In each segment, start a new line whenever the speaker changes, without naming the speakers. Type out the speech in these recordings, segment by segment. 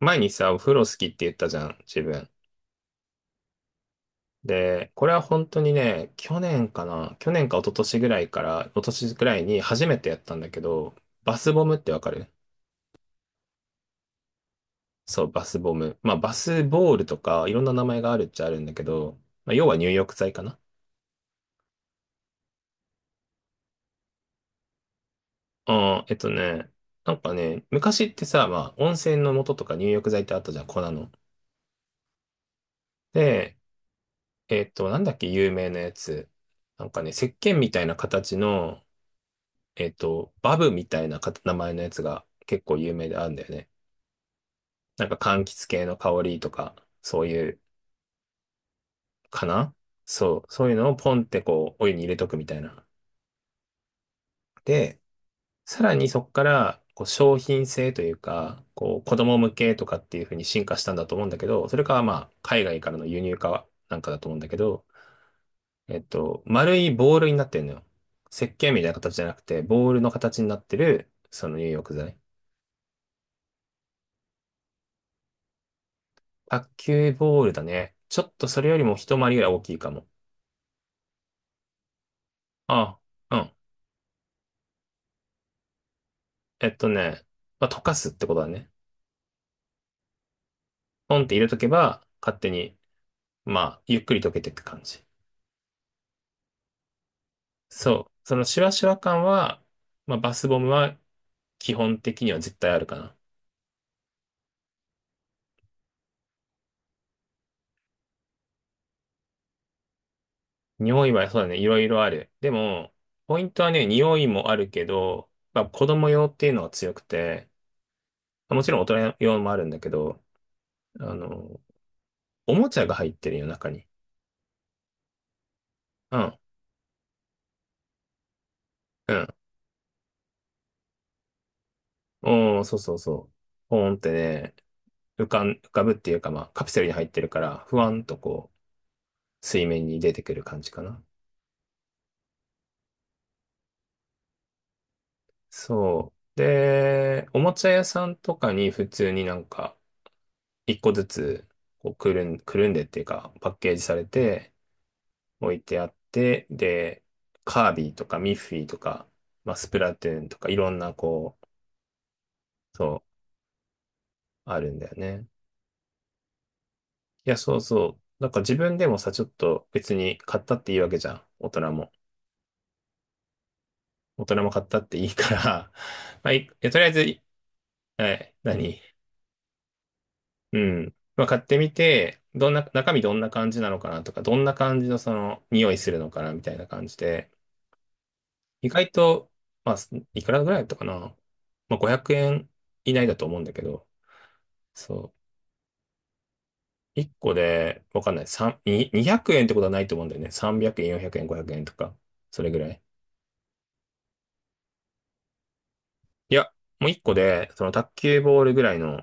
前にさ、お風呂好きって言ったじゃん、自分。で、これは本当にね、去年かな、去年か一昨年ぐらいから、一昨年ぐらいに初めてやったんだけど、バスボムってわかる？そう、バスボム。まあ、バスボールとか、いろんな名前があるっちゃあるんだけど、まあ、要は入浴剤かな。うん、なんかね、昔ってさ、まあ、温泉の素とか入浴剤ってあったじゃん、粉の。で、なんだっけ、有名なやつ。なんかね、石鹸みたいな形の、バブみたいなか名前のやつが結構有名であるんだよね。なんか柑橘系の香りとか、そういう、かな。そう、そういうのをポンってこう、お湯に入れとくみたいな。で、さらにそこから、こう、商品性というか、こう、子供向けとかっていう風に進化したんだと思うんだけど、それか、まあ、海外からの輸入化なんかだと思うんだけど、丸いボールになってるのよ。石鹸みたいな形じゃなくて、ボールの形になってる、その入浴剤。卓球ボールだね。ちょっとそれよりも一回りぐらい大きいかも。ああ、うん。えっとね、まあ、溶かすってことだね。ポンって入れとけば、勝手に、まあ、ゆっくり溶けていく感じ。そう。そのシュワシュワ感は、まあ、バスボムは基本的には絶対あるかな。匂いはそうだね、いろいろある。でも、ポイントはね、匂いもあるけど、まあ、子供用っていうのが強くて、まあもちろん大人用もあるんだけど、あの、おもちゃが入ってるよ、中に。うん。うんうん、そうそうそう。ポーンってね、浮かぶっていうか、まあ、カプセルに入ってるから、ふわんとこう、水面に出てくる感じかな。そう。で、おもちゃ屋さんとかに普通になんか、一個ずつ、こう、くるんでっていうか、パッケージされて、置いてあって、で、カービィとかミッフィーとか、まあ、スプラトゥーンとか、いろんな、こう、そう、あるんだよね。いや、そうそう。なんか自分でもさ、ちょっと別に買ったっていいわけじゃん、大人も。大人も買ったっていいから、まあ、いえとりあえず、はい、何？うん。まあ、買ってみて、どんな、中身どんな感じなのかなとか、どんな感じのその、匂いするのかなみたいな感じで、意外と、まあ、すいくらぐらいだったかな、まあ、500円以内だと思うんだけど、そう。1個で、わかんない。3、に200円ってことはないと思うんだよね。300円、400円、500円とか、それぐらい。いや、もう1個で、その卓球ボールぐらいの、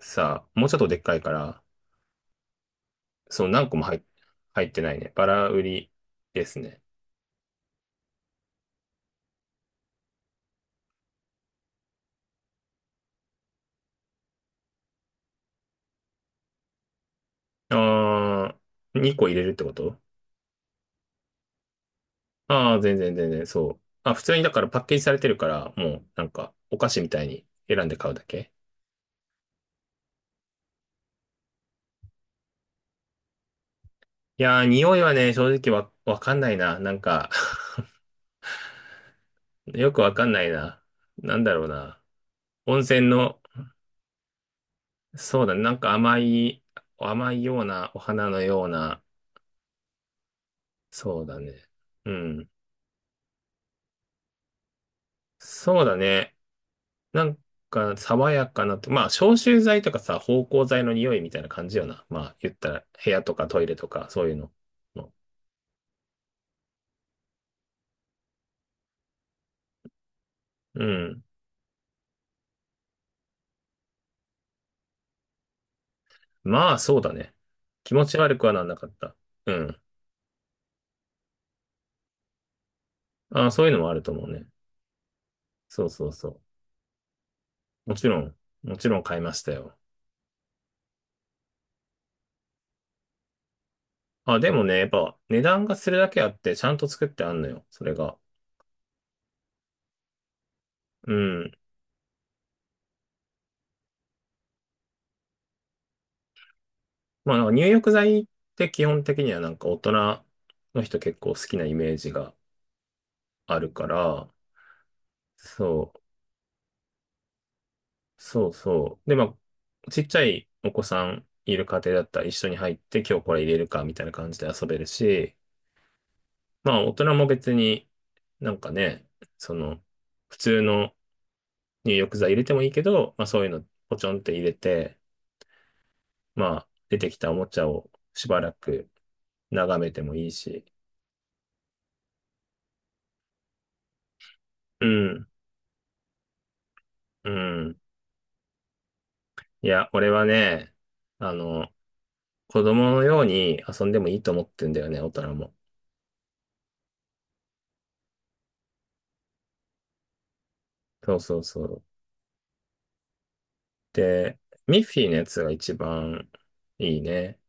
さ、もうちょっとでっかいから、その何個も入ってないね。バラ売りですね。ああ、2個入れるってこと？ああー、全然全然、そう。あ、普通にだからパッケージされてるから、もうなんかお菓子みたいに選んで買うだけ。いやー、匂いはね、正直わかんないな。なんか よくわかんないな。なんだろうな。温泉の、そうだね、なんか甘い、甘いような、お花のような、そうだね。うん。そうだね。なんか、爽やかなと、まあ、消臭剤とかさ、芳香剤の匂いみたいな感じよな。まあ、言ったら、部屋とかトイレとか、そういうの。うん。まあ、そうだね。気持ち悪くはなんなかった。うん。ああ、そういうのもあると思うね。そうそうそう。もちろん、もちろん買いましたよ。あ、でもね、やっぱ、値段がするだけあって、ちゃんと作ってあんのよ、それが。うん。まあ、なんか入浴剤って基本的にはなんか大人の人結構好きなイメージがあるから、そう。そうそう。で、まあ、ちっちゃいお子さんいる家庭だったら一緒に入って今日これ入れるかみたいな感じで遊べるし、まあ大人も別になんかね、その普通の入浴剤入れてもいいけど、まあそういうのポチョンって入れて、まあ出てきたおもちゃをしばらく眺めてもいいし。うん、うん。いや、俺はね、あの、子供のように遊んでもいいと思ってんだよね、大人も。そうそうそう。で、ミッフィーのやつが一番いいね。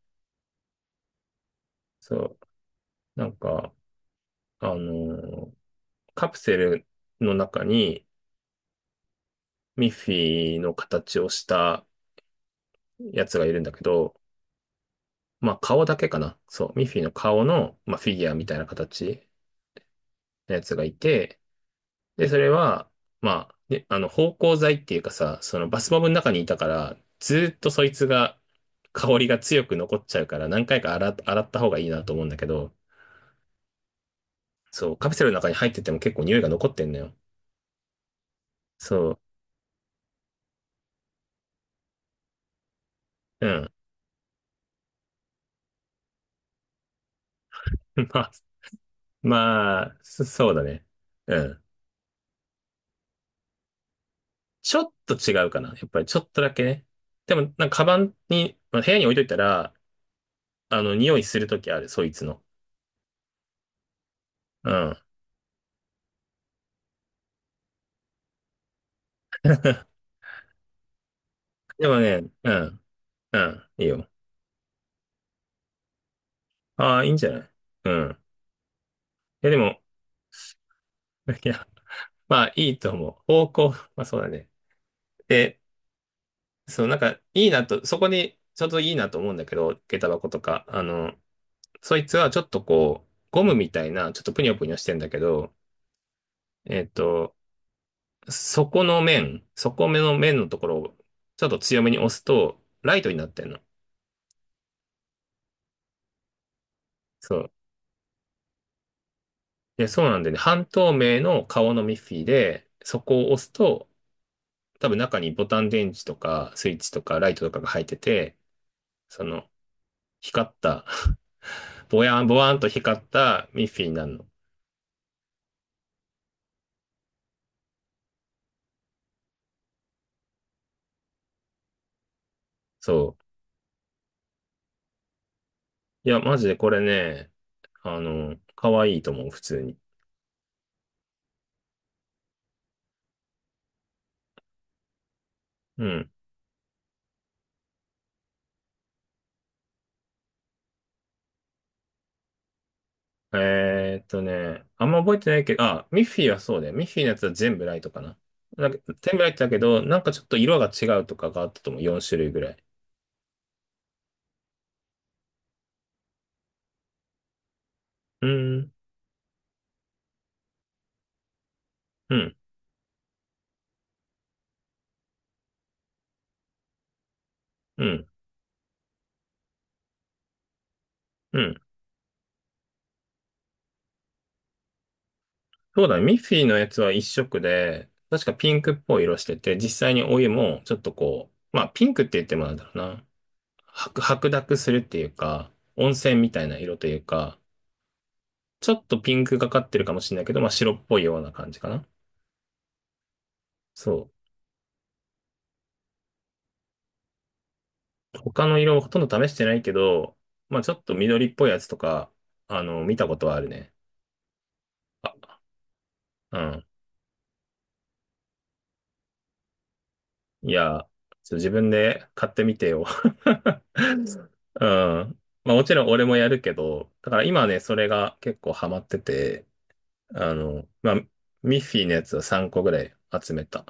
そう。なんか、あのーカプセルの中にミッフィーの形をしたやつがいるんだけど、まあ顔だけかな。そう。ミッフィーの顔の、まあ、フィギュアみたいな形のやつがいて、で、それは、まあ、ね、芳香剤っていうかさ、そのバスボムの中にいたから、ずーっとそいつが、香りが強く残っちゃうから、何回か洗った方がいいなと思うんだけど、そう、カプセルの中に入ってても結構匂いが残ってんのよ。そう、うん。まあ、まあ、そそうだね。うん。ちょっと違うかな。やっぱりちょっとだけね。でも、なんかカバンに、まあ、部屋に置いといたら、匂いするときある、そいつの。うん。でもね、うん、うん、いいよ。ああ、いいんじゃない？うん。いや、でも、いや、まあ、いいと思う。方向、まあ、そうだね。で、そう、なんか、いいなと、そこに、ちょうどいいなと思うんだけど、下駄箱とか、そいつはちょっとこう、ゴムみたいな、ちょっとぷにょぷにょしてんだけど、えっと、底目の面のところをちょっと強めに押すと、ライトになってんの。そう。で、そうなんでね、半透明の顔のミッフィーで、そこを押すと、多分中にボタン電池とか、スイッチとか、ライトとかが入ってて、その、光った ぼやん、ぼわんと光ったミッフィーになるの。そう。いや、マジでこれね、可愛いと思う、普通に。うん。あんま覚えてないけど、あ、ミッフィーはそうだよ。ミッフィーのやつは全部ライトかな。なんか全部ライトだけど、なんかちょっと色が違うとかがあったと思う。4種類ぐらい。うーん、うん、うん、うん。そうだね。ミッフィーのやつは一色で、確かピンクっぽい色してて、実際にお湯もちょっとこう、まあピンクって言ってもなんだろうな。白濁するっていうか、温泉みたいな色というか、ちょっとピンクがかってるかもしれないけど、まあ白っぽいような感じかな。そう。他の色もほとんど試してないけど、まあちょっと緑っぽいやつとか、見たことはあるね。うん。いや、ちょっと自分で買ってみてよ。うん。まあもちろん俺もやるけど、だから今ね、それが結構ハマってて、まあ、ミッフィーのやつを3個ぐらい集めた。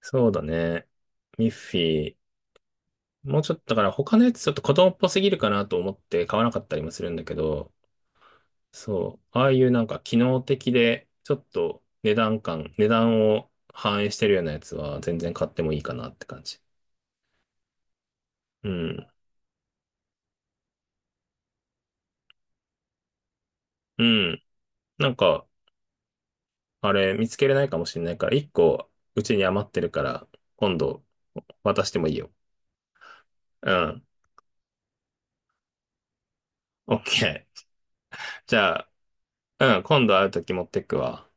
そうだね。ミッフィー。もうちょっと、だから他のやつちょっと子供っぽすぎるかなと思って買わなかったりもするんだけど、そう。ああいうなんか機能的で、ちょっと値段を反映してるようなやつは全然買ってもいいかなって感じ。うん。うん。なんか、あれ見つけれないかもしれないから、一個うちに余ってるから、今度渡してもいいよ。うん。オッケー。じゃあ、うん、今度会うとき持ってくわ。